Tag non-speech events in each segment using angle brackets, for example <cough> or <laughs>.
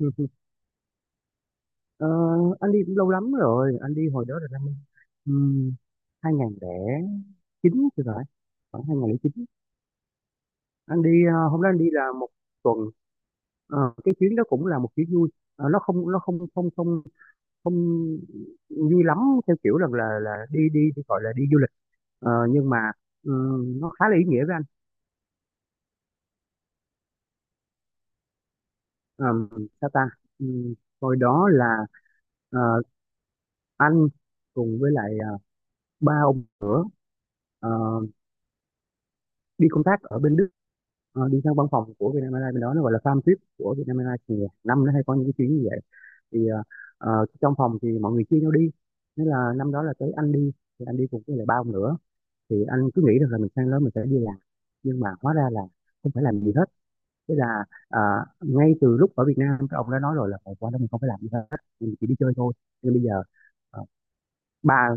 <laughs> Ừ, ừ. Ờ, anh đi cũng lâu lắm rồi, anh đi hồi đó là năm um, 2009 thì phải, khoảng 2009. Anh đi hôm đó anh đi là một tuần. Cái chuyến đó cũng là một chuyến vui. Ờ, nó không không không không vui lắm, theo kiểu rằng là đi đi đi gọi là đi du lịch. Nhưng mà nó khá là ý nghĩa với anh. Ờm, Sao ta. Ừm, Hồi đó là ờ, anh cùng với lại ba ông ờ, đi công tác ở bên Đức, đi sang văn phòng của Vietnam Airlines, bên đó nó gọi là farm trip của Vietnam Airlines. Thì năm nó hay có những cái chuyến như vậy, thì trong phòng thì mọi người chia nhau đi, nên là năm đó là tới anh đi. Thì anh đi cùng với lại ba ông nữa. Thì anh cứ nghĩ được là mình sang đó mình sẽ đi làm, nhưng mà hóa ra là không phải làm gì hết. Thế là ờ, ngay từ lúc ở Việt Nam các ông đã nói rồi là "Ờ, qua đó mình không phải làm gì hết, mình chỉ đi chơi thôi. Nhưng bây giờ ờ, ba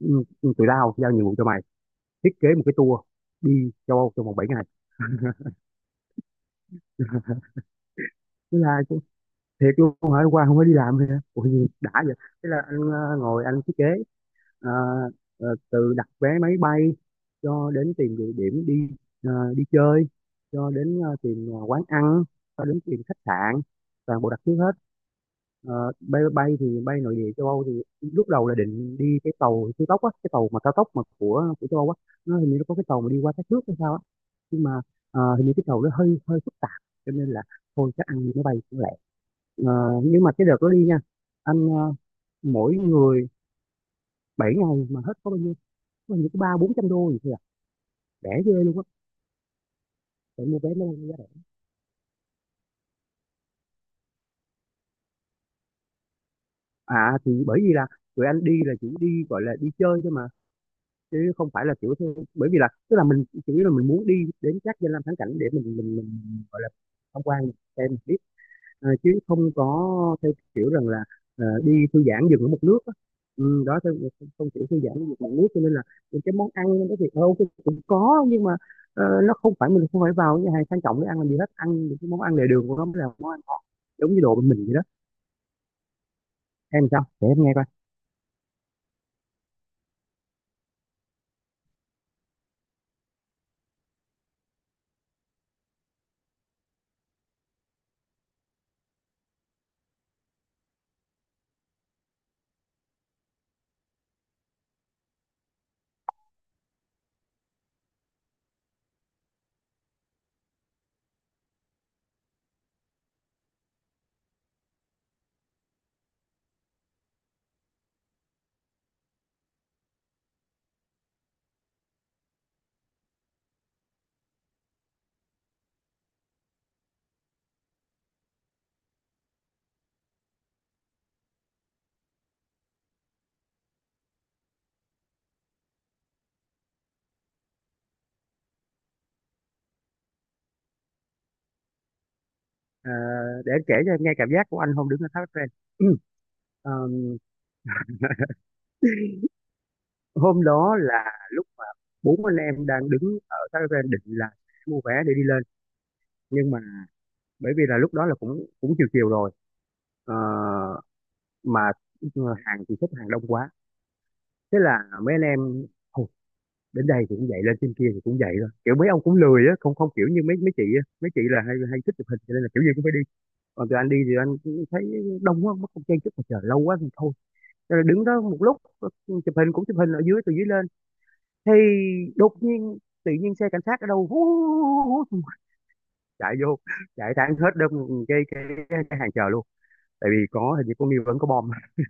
ừ, ừ, tụi tao giao nhiệm vụ cho mày, thiết kế một cái tour đi châu Âu trong vòng 7 ngày." Thế là thiệt luôn hả, qua không phải đi làm hả, ủa gì đã vậy. Thế là anh ngồi anh thiết kế, ờ, từ đặt vé máy bay cho đến tìm địa điểm đi, ờ, đi chơi, cho đến tìm quán ăn, cho đến tìm khách sạn, toàn bộ đặt trước hết. Ờ, bay bay thì bay nội địa châu Âu. Thì lúc đầu là định đi cái tàu siêu tốc á, cái tàu mà cao tốc mà của châu Âu á. Nó hình như nó có cái tàu mà đi qua các nước hay sao á. Nhưng mà hình như cái tàu nó hơi hơi phức tạp, cho nên là thôi chắc ăn máy bay cũng lẹ. Ờ, nhưng mà cái đợt đó đi nha, anh mỗi người 7 ngày mà hết có bao nhiêu, có 300-400 đô gì thôi à. Rẻ ghê luôn á. Phải mua vé máy bay giá rẻ. À thì bởi vì là tụi anh đi là chỉ đi gọi là đi chơi thôi mà, chứ không phải là bởi vì là tức là mình chủ yếu là mình muốn đi đến các danh lam thắng cảnh để mình gọi là tham quan, xem. Chứ không có theo kiểu rằng là đi thư giãn dừng ở một nước á. Ừ đó, theo không, không kiểu thư giãn dừng một nước. Cho nên là những cái món ăn cái thì ok cũng có, nhưng mà nó không phải, mình không phải vào những nhà hàng sang trọng để ăn làm gì hết. Ăn những cái món ăn lề đường của nó mới là món ăn ngon, giống như đồ bên mình vậy đó. Em sao, để em nghe coi. Ờ, để em kể cho em nghe cảm giác của anh hôm đứng ở tháp Eiffel. <clears throat> Ờ, Hôm đó là lúc mà bốn anh em đang đứng ở tháp Eiffel, định là mua vé để đi lên. Nhưng mà bởi vì là lúc đó là cũng cũng chiều chiều rồi. Ờ, mà hàng thì xếp hàng đông quá. Thế là mấy anh em "Thôi, đến đây thì cũng vậy, lên trên kia thì cũng vậy thôi." Kiểu mấy ông cũng lười á, không không, kiểu như mấy mấy chị á, mấy chị là hay hay thích chụp hình cho nên là kiểu gì cũng phải đi. Còn tụi anh đi thì anh cũng thấy đông quá mất, không chen chúc mà chờ lâu quá thì thôi. Thế là đứng đó một lúc, chụp hình, cũng chụp hình ở dưới, từ dưới lên. Thì đột nhiên tự nhiên xe cảnh sát ở đâu hú, hú, hú, hú, chạy vô, chạy thẳng hết đông cái hàng chờ luôn. Tại vì có hình như có nghi vấn có bom. <laughs>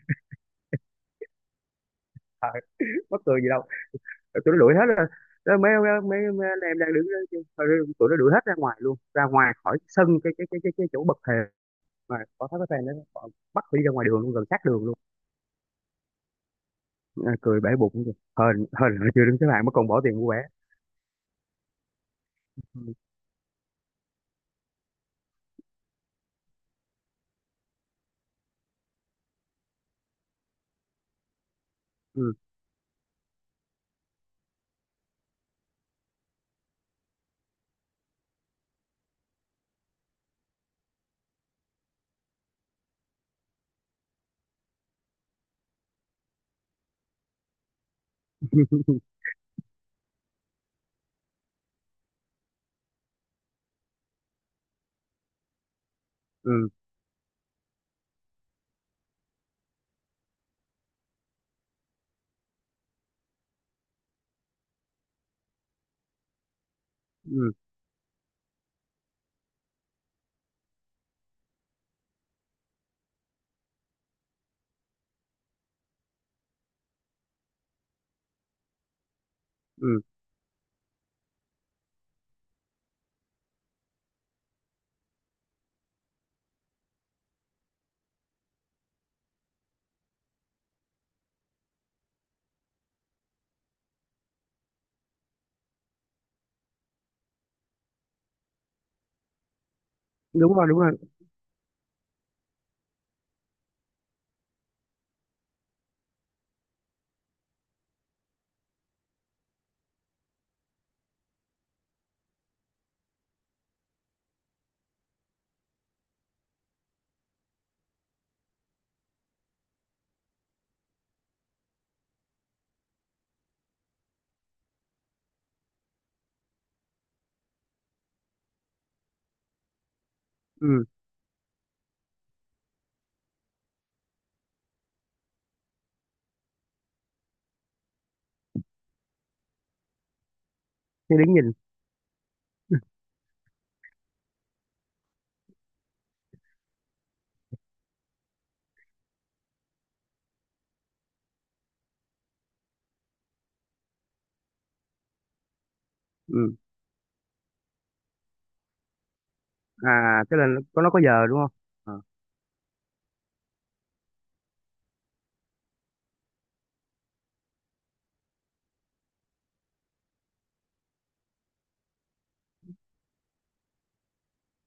À, mắc cười gì đâu, tụi nó đuổi hết ra. Rồi mấy mấy mấy anh em đang đứng đó, tụi nó đuổi hết ra ngoài luôn, ra ngoài khỏi sân cái chỗ bậc thềm, mà có thấy cái fan đó, họ bắt đi ra ngoài đường luôn, gần sát đường luôn. À, cười bể bụng kìa. Hên hên là chưa đứng xếp hạng mà còn bỏ tiền mua vé. Ừ. Ừ. <laughs> Ừ, ừ, ừ. Đúng rồi, đúng rồi. Ừ, thì đứng nhìn. Ừ. À, tức là nó có giờ đúng không. À.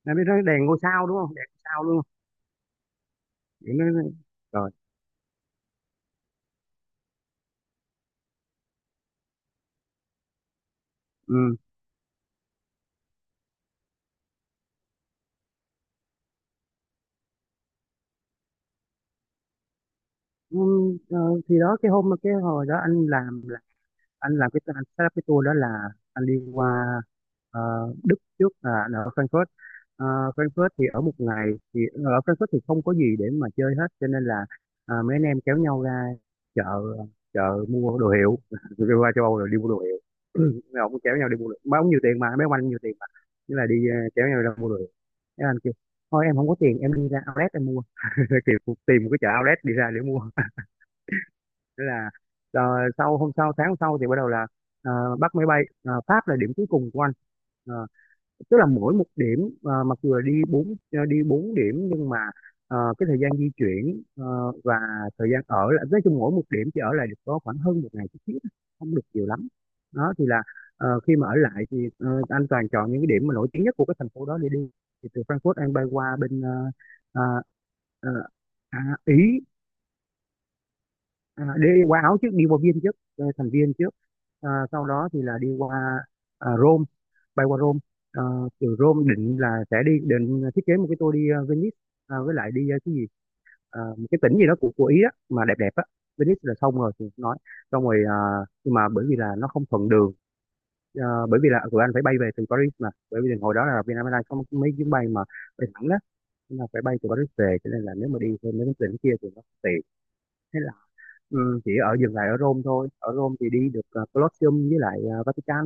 Nó biết nó đèn ngôi sao đúng không, đèn ngôi sao luôn. Vậy nó- Rồi. Ừ. Ừ, ờ, thì đó, cái hồi đó anh làm, cái anh set up cái tour đó là anh đi qua ờ, Đức trước, à, là anh ở Frankfurt. Ờ, Frankfurt thì ở một ngày. Thì ở Frankfurt thì không có gì để mà chơi hết, cho nên là à, mấy anh em kéo nhau ra chợ, mua đồ hiệu. <laughs> Rồi qua châu Âu rồi đi mua đồ hiệu. <clears throat> Mấy ông cũng kéo nhau đi mua đồ, mấy ông nhiều tiền mà, mấy ông anh nhiều tiền mà. Thế là đi kéo nhau ra mua đồ hiệu. Thế anh kêu thôi em không có tiền, em đi ra outlet em mua. <laughs> Kiểu tìm một cái chợ outlet đi ra để mua. Thế là ờ, sau hôm sau tháng hôm sau thì bắt đầu là bắt máy bay, Pháp là điểm cuối cùng của anh. Ờ, Tức là mỗi một điểm mặc dù là đi bốn điểm, nhưng mà cái thời gian di chuyển và thời gian ở là nói chung mỗi một điểm chỉ ở lại được có khoảng hơn một ngày chút xíu thôi, không được nhiều lắm. Đó thì là khi mà ở lại thì anh toàn chọn những cái điểm mà nổi tiếng nhất của cái thành phố đó để đi. Thì từ Frankfurt anh bay qua bên ờ, ờ, à, Ý. À, đi qua Áo trước, đi qua Viên trước, thành Viên trước. À, sau đó thì là đi qua à, Rome, bay qua Rome. À, từ Rome định là sẽ đi định thiết kế một cái tour đi Venice, à, với lại đi cái gì, à, một cái tỉnh gì đó của Ý đó mà đẹp đẹp á. Venice là xong rồi thì nói. Xong rồi à, nhưng mà bởi vì là nó không thuận đường. Bởi vì là tụi anh phải bay về từ Paris, mà bởi vì hồi đó là Vietnam Airlines có mấy chuyến bay mà bay thẳng đó, nên là phải bay từ Paris về, cho nên là nếu mà đi thêm mấy cái tỉnh kia thì nó không tiện. Thế. Ừ, chỉ dừng lại ở Rome thôi. Ở Rome thì đi được Colosseum với lại Vatican.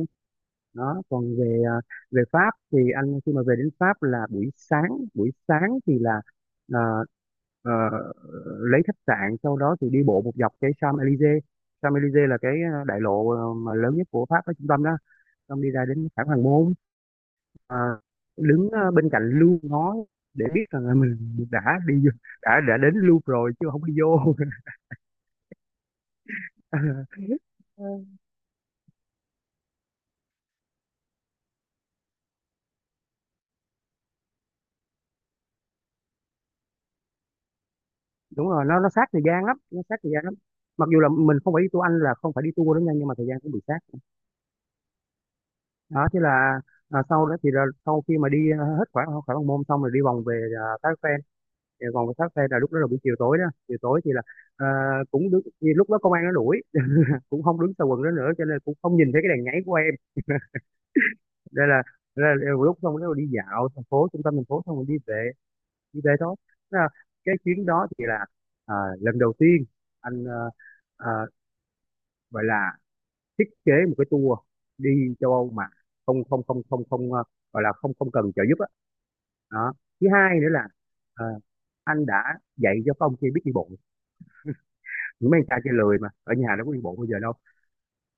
Đó. Còn về về Pháp thì anh khi mà về đến Pháp là buổi sáng. Buổi sáng thì là ờ, ờ, lấy khách sạn, sau đó thì đi bộ một dọc cái Champs-Élysées. Champs-Élysées là cái đại lộ mà lớn nhất của Pháp ở trung tâm đó. Xong đi ra đến Thảo Hoàng Môn, ờ, đứng bên cạnh Louvre ngó để biết rằng là mình đã đi đã đến Louvre rồi, chứ không đi vô. <laughs> Đúng rồi, nó sát thời gian lắm, nó sát thời gian lắm. Mặc dù là mình không phải đi tour, Anh là không phải đi tour đó nha, nhưng mà thời gian cũng bị sát. Đó. Thế là à, sau đó thì là sau khi mà đi à, hết khoảng khoảng Bằng Môn, xong rồi đi vòng về à, Thác Phen. Thì vòng về Thác Phen là lúc đó là buổi chiều tối đó. Chiều tối thì là à, cũng đứng. Thì lúc đó công an nó đuổi. <laughs> Cũng không đứng sau quần đó nữa cho nên cũng không nhìn thấy cái đèn nháy của em. đây là, Đây là lúc xong rồi đi dạo thành phố, trung tâm thành phố xong rồi đi về, đi về thôi. Thế là cái chuyến đó thì là à, lần đầu tiên anh à, à, gọi là thiết kế một cái tour đi châu Âu mà không không không không không ờ, gọi là không không cần trợ giúp á. Đó. Thứ hai nữa là ờ, anh đã dạy cho các ông kia biết đi bộ. Những mấy anh trai kia lười, mà ở nhà đâu có đi bộ bao giờ đâu,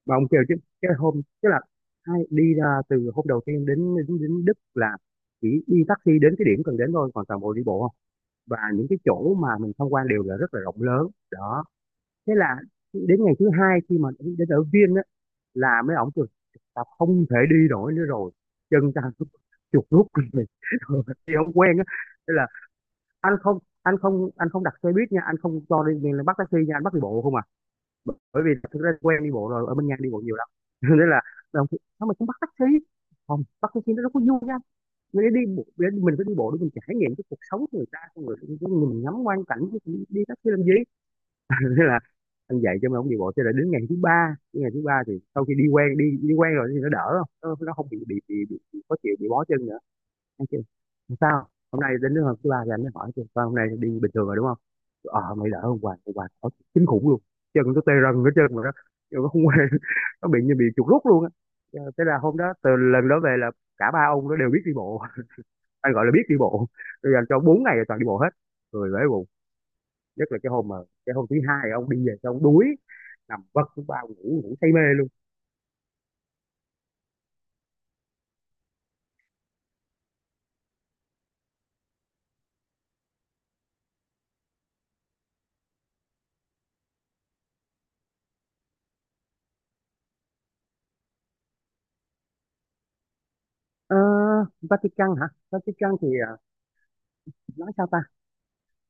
mà ông kêu chứ. Cái hôm tức là hai đi ra từ hôm đầu tiên đến đến, đến Đức là chỉ đi taxi đến cái điểm cần đến thôi, còn toàn bộ đi bộ không. Và những cái chỗ mà mình tham quan đều là rất là rộng lớn đó. Thế là đến ngày thứ hai khi mà đến ở Viên là mấy ổng kêu tao không thể đi nổi nữa rồi, chân tao chuột rút rồi. <laughs> Đi không quen á. Thế là anh không đặt xe buýt nha, anh không cho đi liền bắt taxi nha, anh bắt đi bộ không à. Bởi vì thực ra quen đi bộ rồi, ở bên nha đi bộ nhiều lắm. <laughs> Nên là đồng chí, sao mà không bắt taxi? Không bắt taxi nó đâu có vui nha. Mình để đi bộ, mình phải đi bộ để mình trải nghiệm cái cuộc sống của người ta, người người mình ngắm quang cảnh. Đi taxi làm gì? Thế là anh dạy cho mấy ông đi bộ cho đến đến ngày thứ ba. Đến ngày thứ ba thì sau khi đi quen rồi thì nó đỡ, không nó, nó không bị khó chịu, bị bó chân nữa. Anh kêu sao hôm nay đến đứa hôm thứ ba thì anh mới hỏi kêu "Sao hôm nay đi bình thường rồi đúng không? Ờ mày đỡ, hôm qua ở kinh khủng luôn, chân nó tê rần hết trơn mà đó, nhưng nó không quen." <laughs> Nó bị như bị chuột rút luôn á. Ờ, thế là hôm đó từ lần đó về là cả ba ông nó đều biết đi bộ, anh gọi là biết đi bộ. Bây giờ cho bốn ngày là toàn đi bộ hết, người bể bụng. Nhất là cái hôm mà cái hôm thứ hai ông đi về xong ông đuối, nằm vật cũng bao ngủ, ngủ say mê luôn. Ờ, Vatican hả? Vatican thì nói sao ta.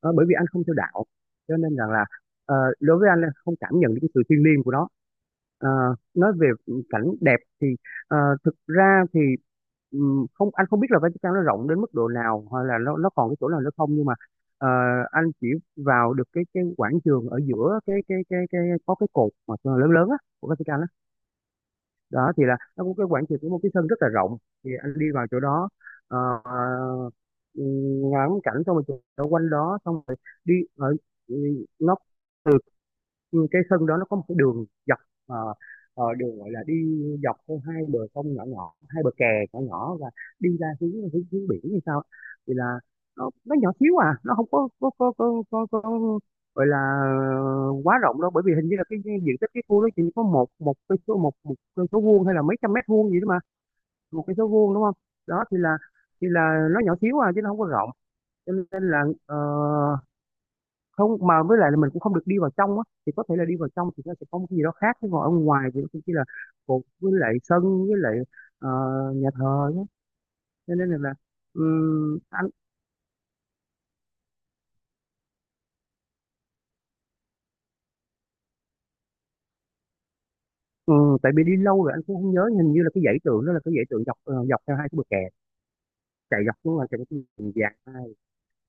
Ờ, bởi vì anh không theo đạo cho nên rằng là đối với anh là không cảm nhận được cái sự thiêng liêng của nó. Ờ, nói về cảnh đẹp ờ, thực ra thì không, anh không biết là Vatican nó rộng đến mức độ nào hoặc là nó còn cái chỗ nào nữa không, nhưng mà ờ, anh chỉ vào được cái quảng trường ở giữa cái có cái cột mà lớn lớn á của Vatican á. Đó thì là nó cũng cái quảng trường của một cái sân rất là rộng. Thì anh đi vào chỗ đó, ờ, ừ, ngắm cảnh xong rồi chụp ở quanh đó xong rồi đi ở ừ, nó từ cái sân đó nó có một cái đường dọc. ờ, Đường gọi là đi dọc theo hai bờ sông nhỏ nhỏ, hai bờ kè nhỏ nhỏ, và đi ra hướng hướng, hướng biển như sao. Thì là nó nhỏ xíu à, nó không có gọi là quá rộng đâu. Bởi vì hình như là cái diện tích cái khu đó chỉ có một một cái số một cây số vuông hay là mấy trăm mét vuông gì đó mà. Một cái số vuông đúng không? Đó thì là nó nhỏ xíu à chứ nó không có rộng. Cho nên là không, mà với lại là mình cũng không được đi vào trong á, thì có thể là đi vào trong thì nó sẽ có một cái gì đó khác, chứ ngồi ở ngoài thì cũng chỉ là cột với lại sân với lại ờ, nhà thờ nhé. Cho nên là anh tại vì đi lâu rồi anh cũng không nhớ, hình như là cái dãy tượng đó là cái dãy tượng dọc, dọc theo hai cái bờ kè chạy dọc xuống, là chạy cái đường dài hai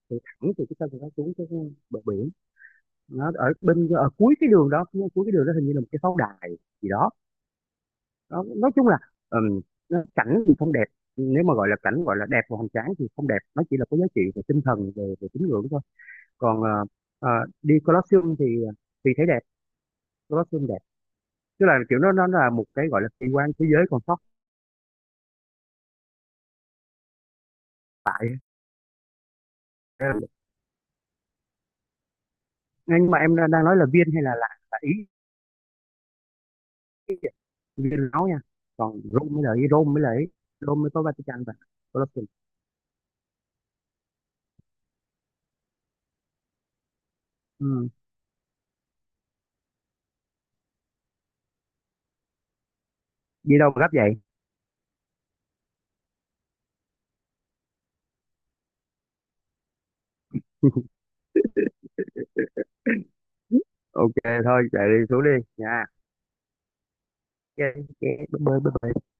từ thẳng từ cái sân nó xuống cái bờ biển. Nó ở bên ở cuối cái đường đó, cuối cái đường đó hình như là một cái pháo đài gì đó. Nói chung là ừm, nó- cảnh thì không đẹp. Nếu mà gọi là cảnh gọi là đẹp và hoành tráng thì không đẹp, nó chỉ là có giá trị về tinh thần, về về tín ngưỡng thôi. Còn ờ, đi Colosseum thì thì thấy đẹp, Colosseum đẹp. Tức là kiểu nó là một cái gọi là kỳ quan thế giới còn sót lại. Đây, nhưng mà em đang nói là Viên hay là là ý? Viên nói nha, còn Rome mới là ý, Rome mới là ý, Rome mới có Vatican và Colosseum. Ừ. Đi đâu mà gấp vậy? OK thôi chạy đi xuống đi nha. OK, OK, bye bye bye bye.